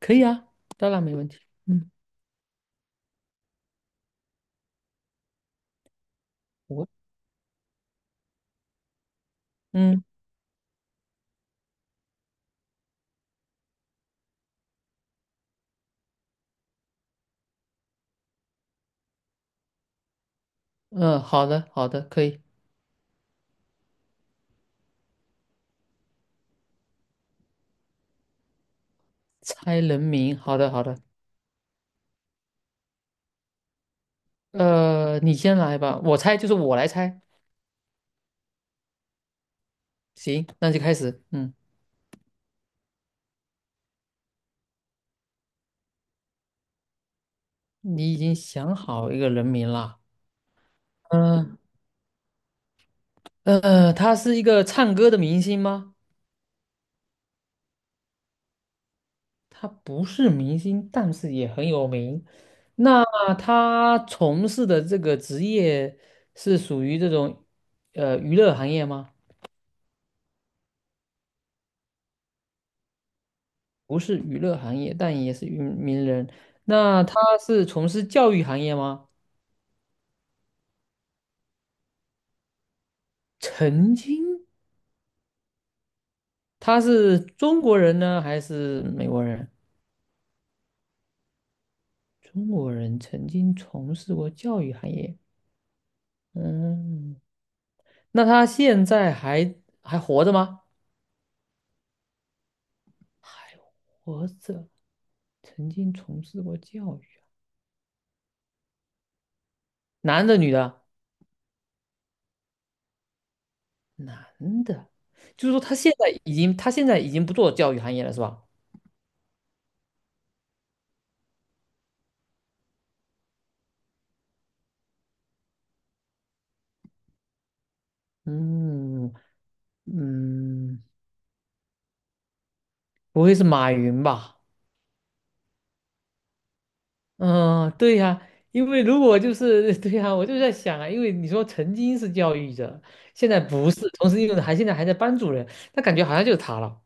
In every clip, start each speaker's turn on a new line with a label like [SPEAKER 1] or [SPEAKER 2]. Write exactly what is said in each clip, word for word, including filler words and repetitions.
[SPEAKER 1] 可以啊，当然没问题。嗯，我嗯嗯，好的好的，可以猜人名。好的好的，呃，你先来吧，我猜就是我来猜。行，那就开始。嗯，你已经想好一个人名了。嗯呃，呃，他是一个唱歌的明星吗？他不是明星，但是也很有名。那他从事的这个职业是属于这种呃娱乐行业吗？不是娱乐行业，但也是名名人。那他是从事教育行业吗？曾经，他是中国人呢，还是美国人？中国人曾经从事过教育行业。嗯，那他现在还还活着吗？还活着，曾经从事过教育，啊。男的女的啊？男的，就是说他现在已经他现在已经不做教育行业了，是吧？嗯嗯。不会是马云吧？嗯，对呀，因为如果就是 对呀，我就在想啊，因为你说曾经是教育者，现在不是，同时又还现在还在班主任，那感觉好像就是他了。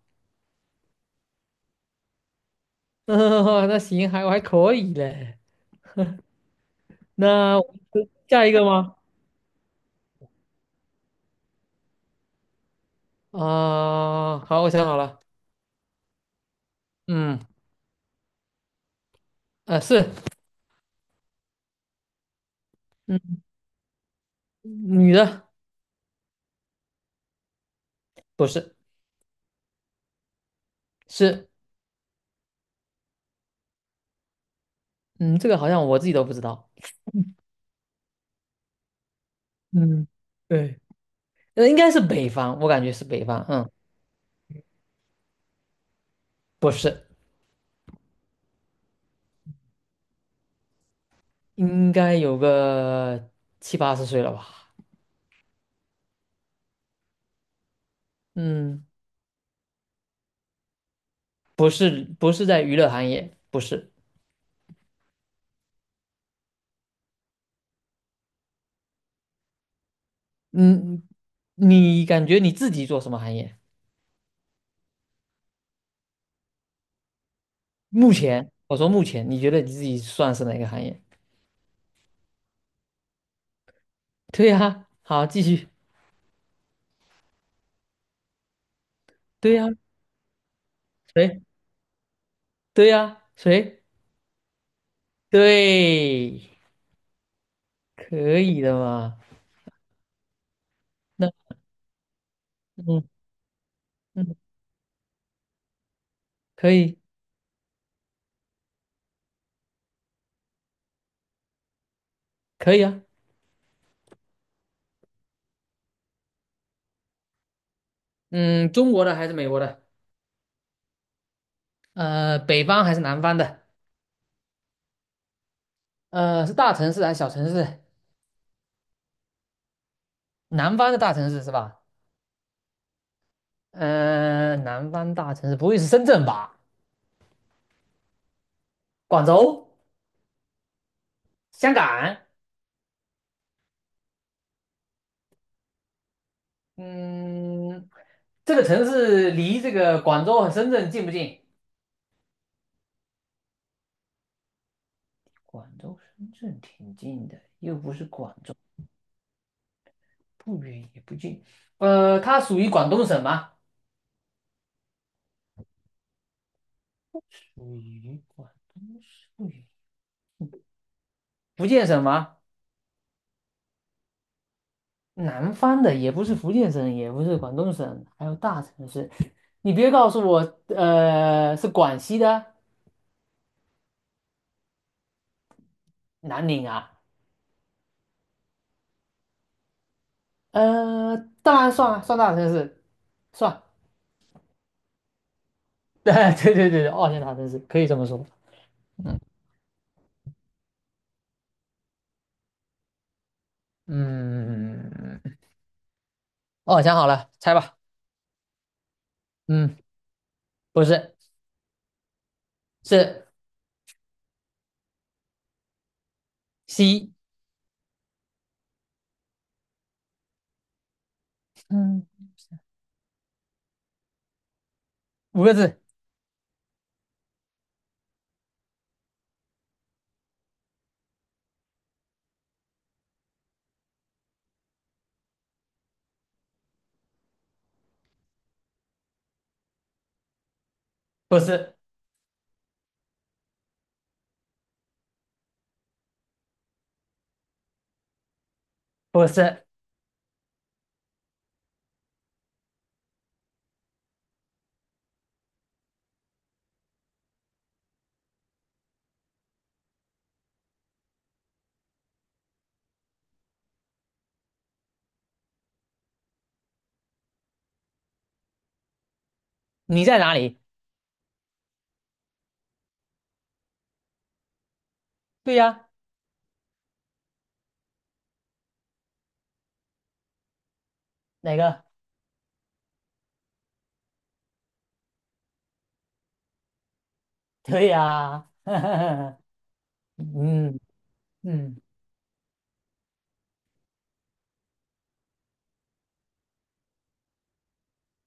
[SPEAKER 1] 嗯，那行，还我还可以嘞。那我下一个吗？啊、好，我想好了。嗯。啊，是。嗯，女的。不是，是。嗯，这个好像我自己都不知道。嗯，对，那应该是北方，我感觉是北方。嗯，不是。应该有个七八十岁了吧？嗯，不是，不是在娱乐行业，不是。嗯，你感觉你自己做什么行业？目前，我说目前，你觉得你自己算是哪个行业？对呀，好，继续。对呀，谁？对呀，谁？对，可以的嘛？那嗯嗯，可以，可以啊。嗯，中国的还是美国的？呃，北方还是南方的？呃，是大城市还是小城市？南方的大城市是吧？呃，南方大城市不会是深圳吧？广州、香港，嗯，这个城市离这个广州和深圳近不近？广州、深圳挺近的，又不是广州，不远也不近。呃，它属于广东省吗？属于广东省，不远福建省吗？南方的也不是福建省，也不是广东省，还有大城市。你别告诉我，呃，是广西的南宁啊？呃，当然算啊，算大城市，算。对对对对，二线大城市可以这么说。嗯嗯，哦，想好了，猜吧。嗯，不是，是 C。嗯，五个字，不是，不是。你在哪里？对呀，哪个？对呀。嗯嗯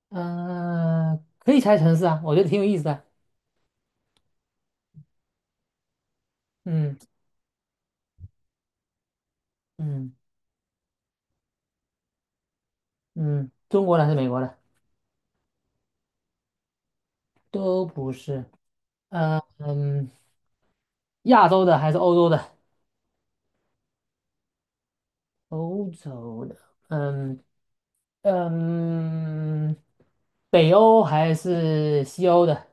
[SPEAKER 1] 呃，可以猜城市啊，我觉得挺有意思的。嗯。嗯，嗯，中国的还是美国的？都不是。呃嗯。亚洲的还是欧洲的？欧洲的，嗯。嗯，北欧还是西欧的？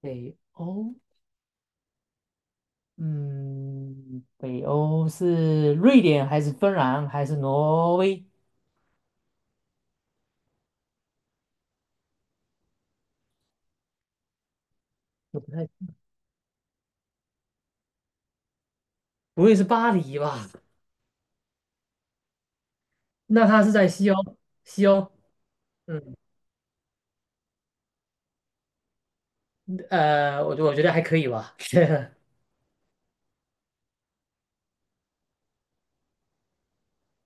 [SPEAKER 1] 北欧，嗯，北欧是瑞典还是芬兰还是挪威？我不太，不会是巴黎吧？那它是在西欧，西欧，嗯，呃，我觉我觉得还可以吧，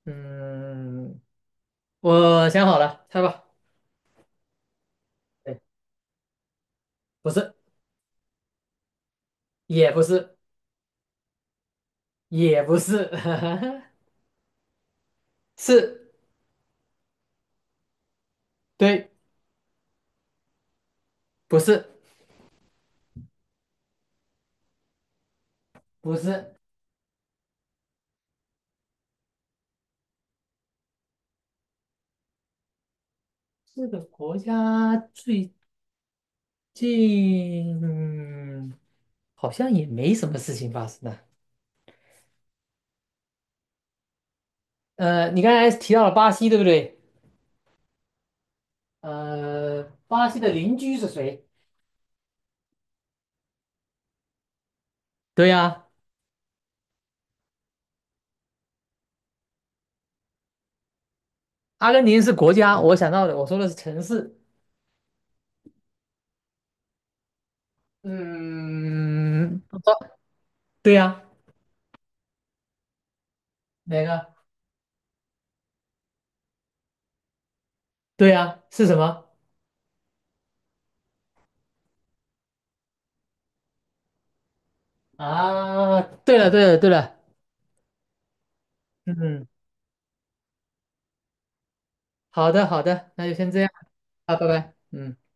[SPEAKER 1] 嗯，我想好了，猜吧。对，不是，也不是，也不是，是。对，不是，不是，这个国家最近，嗯，好像也没什么事情发生啊。呃，你刚才提到了巴西，对不对？呃，巴西的邻居是谁？对呀，阿根廷是国家，我想到的，我说的是城市。嗯，对呀，哪个？对呀，是什么？啊，对了，对了，对了，嗯，好的，好的，那就先这样啊，拜拜。嗯。